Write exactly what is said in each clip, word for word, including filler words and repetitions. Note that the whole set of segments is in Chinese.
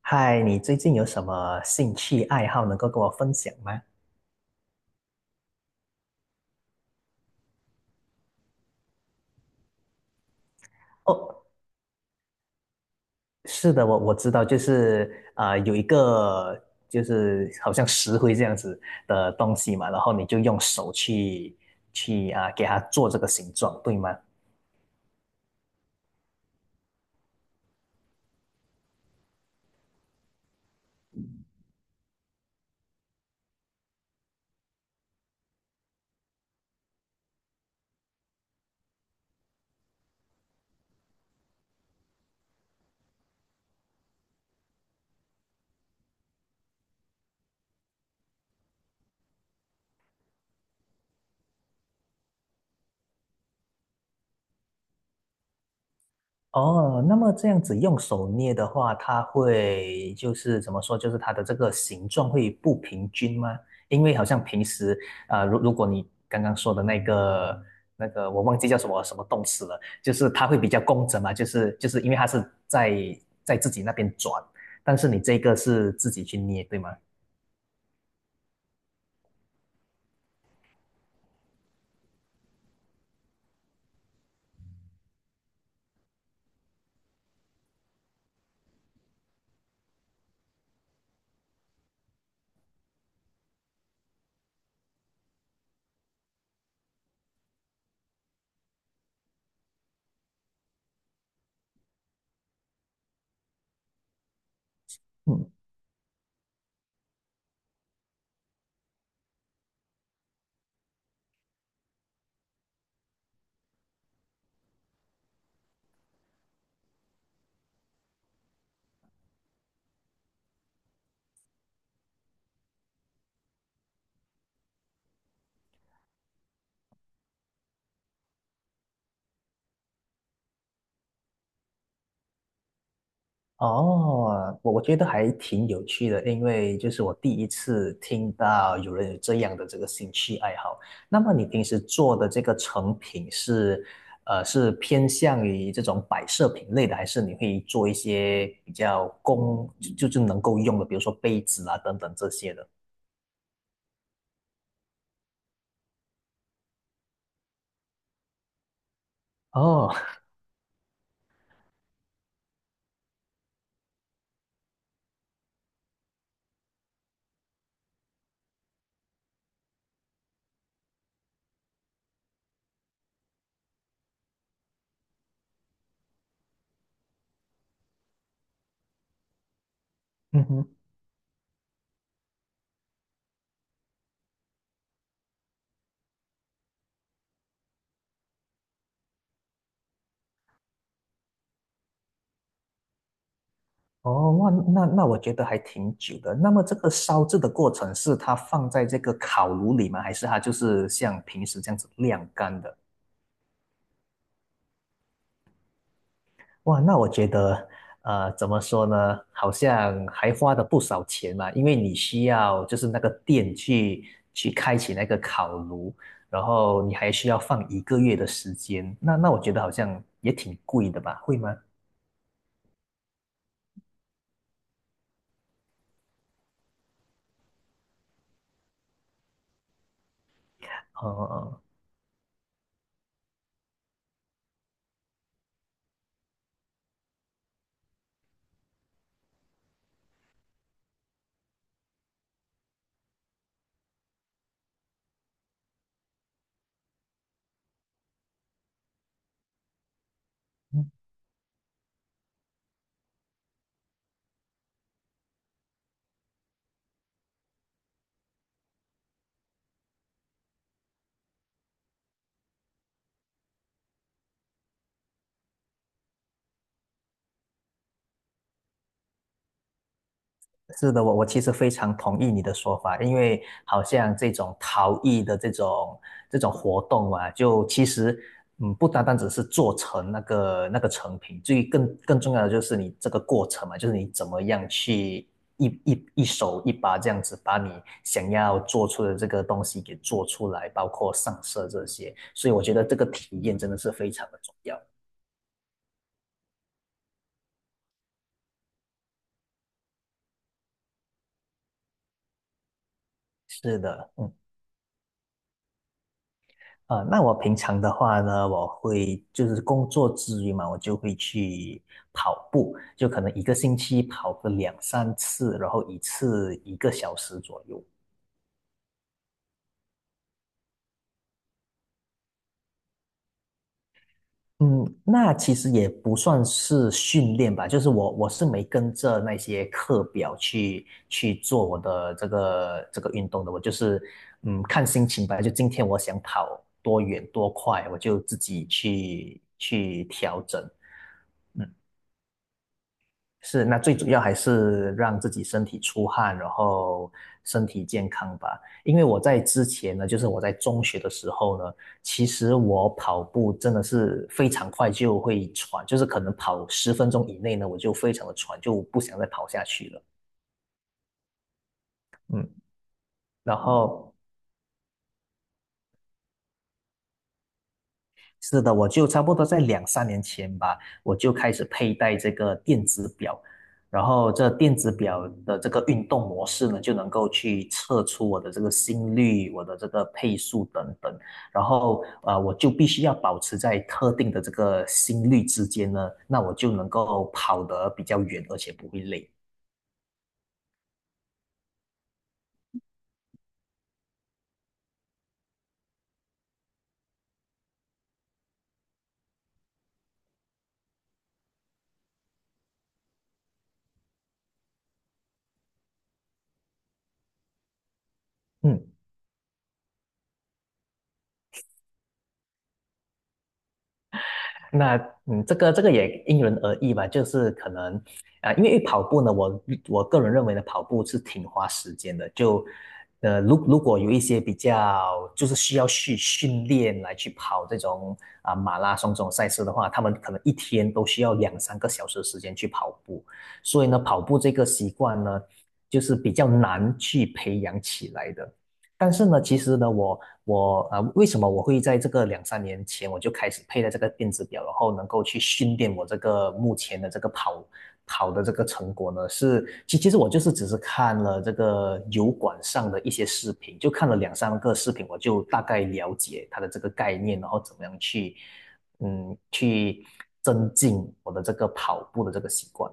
嗨，你最近有什么兴趣爱好能够跟我分享吗？哦，是的，我我知道，就是啊、呃有一个就是好像石灰这样子的东西嘛，然后你就用手去去啊、给它做这个形状，对吗？哦，那么这样子用手捏的话，它会就是怎么说，就是它的这个形状会不平均吗？因为好像平时啊呃如、如果你刚刚说的那个那个，我忘记叫什么什么动词了，就是它会比较工整嘛，就是就是因为它是在在自己那边转，但是你这个是自己去捏，对吗？嗯。哦，我我觉得还挺有趣的，因为就是我第一次听到有人有这样的这个兴趣爱好。那么你平时做的这个成品是，呃，是偏向于这种摆设品类的，还是你会做一些比较工，就就是能够用的，比如说杯子啊等等这些的？哦，嗯哼，哦，哇，那那我觉得还挺久的。那么这个烧制的过程是它放在这个烤炉里吗？还是它就是像平时这样子晾干的？哇，那我觉得，呃，怎么说呢？好像还花了不少钱嘛，因为你需要就是那个电去去开启那个烤炉，然后你还需要放一个月的时间。那那我觉得好像也挺贵的吧？会吗？嗯。哦哦是的，我我其实非常同意你的说法，因为好像这种陶艺的这种这种活动啊，就其实嗯，不单单只是做成那个那个成品，最更更重要的就是你这个过程嘛，就是你怎么样去一一一手一把这样子把你想要做出的这个东西给做出来，包括上色这些，所以我觉得这个体验真的是非常的重要。是的，呃，那我平常的话呢，我会就是工作之余嘛，我就会去跑步，就可能一个星期跑个两三次，然后一次一个小时左右。嗯，那其实也不算是训练吧，就是我我是没跟着那些课表去去做我的这个这个运动的，我就是嗯看心情吧，就今天我想跑多远多快，我就自己去去调整。是，那最主要还是让自己身体出汗，然后身体健康吧。因为我在之前呢，就是我在中学的时候呢，其实我跑步真的是非常快就会喘，就是可能跑十分钟以内呢，我就非常的喘，就不想再跑下去了。嗯，然后是的，我就差不多在两三年前吧，我就开始佩戴这个电子表，然后这电子表的这个运动模式呢，就能够去测出我的这个心率、我的这个配速等等，然后呃，我就必须要保持在特定的这个心率之间呢，那我就能够跑得比较远，而且不会累。嗯。那嗯，这个这个也因人而异吧，就是可能啊、呃因为跑步呢，我我个人认为呢，跑步是挺花时间的。就呃，如如果有一些比较就是需要去训练来去跑这种啊、马拉松这种赛事的话，他们可能一天都需要两三个小时的时间去跑步。所以呢，跑步这个习惯呢，就是比较难去培养起来的。但是呢，其实呢，我我呃，为什么我会在这个两三年前我就开始佩戴这个电子表，然后能够去训练我这个目前的这个跑跑的这个成果呢？是其其实我就是只是看了这个油管上的一些视频，就看了两三个视频，我就大概了解它的这个概念，然后怎么样去嗯去增进我的这个跑步的这个习惯。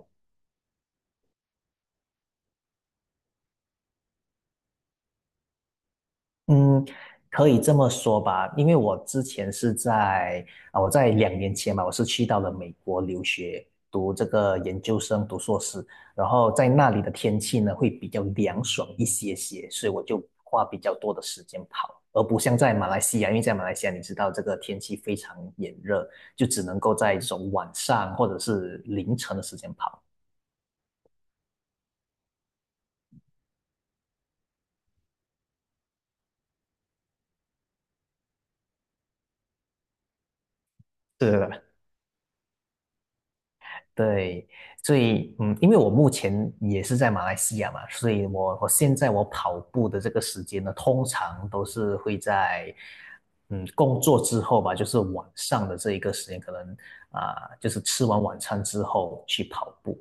嗯，可以这么说吧，因为我之前是在啊，我在两年前嘛，我是去到了美国留学，读这个研究生，读硕士，然后在那里的天气呢会比较凉爽一些些，所以我就花比较多的时间跑，而不像在马来西亚，因为在马来西亚你知道这个天气非常炎热，就只能够在这种晚上或者是凌晨的时间跑。对对对。对，所以嗯，因为我目前也是在马来西亚嘛，所以我我现在我跑步的这个时间呢，通常都是会在嗯工作之后吧，就是晚上的这一个时间，可能啊、就是吃完晚餐之后去跑步。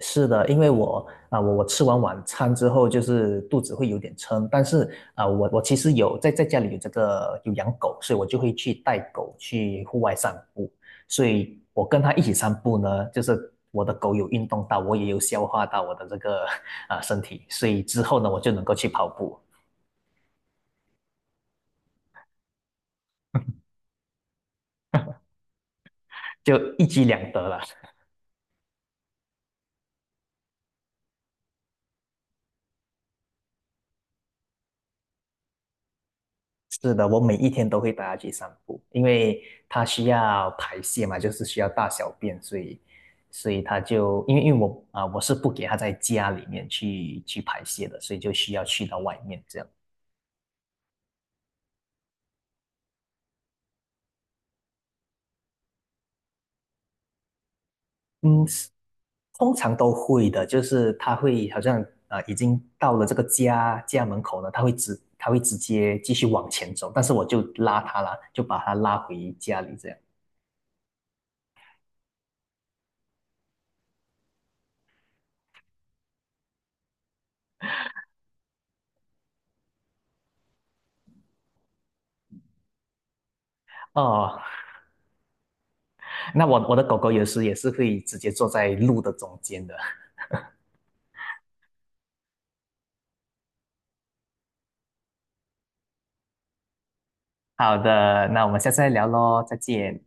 是的，因为我啊、我我吃完晚餐之后，就是肚子会有点撑，但是啊、我我其实有在在家里有这个有养狗，所以我就会去带狗去户外散步，所以我跟它一起散步呢，就是我的狗有运动到，我也有消化到我的这个 啊、身体，所以之后呢，我就能够去跑步，就一举两得了。是的，我每一天都会带它去散步，因为它需要排泄嘛，就是需要大小便，所以，所以它就因为因为我啊、我是不给它在家里面去去排泄的，所以就需要去到外面这样。嗯，通常都会的，就是它会好像啊、已经到了这个家家门口呢，它会直它会直接继续往前走，但是我就拉它啦，就把它拉回家里这样。哦，那我我的狗狗有时也是会直接坐在路的中间的。好的，那我们下次再聊喽，再见。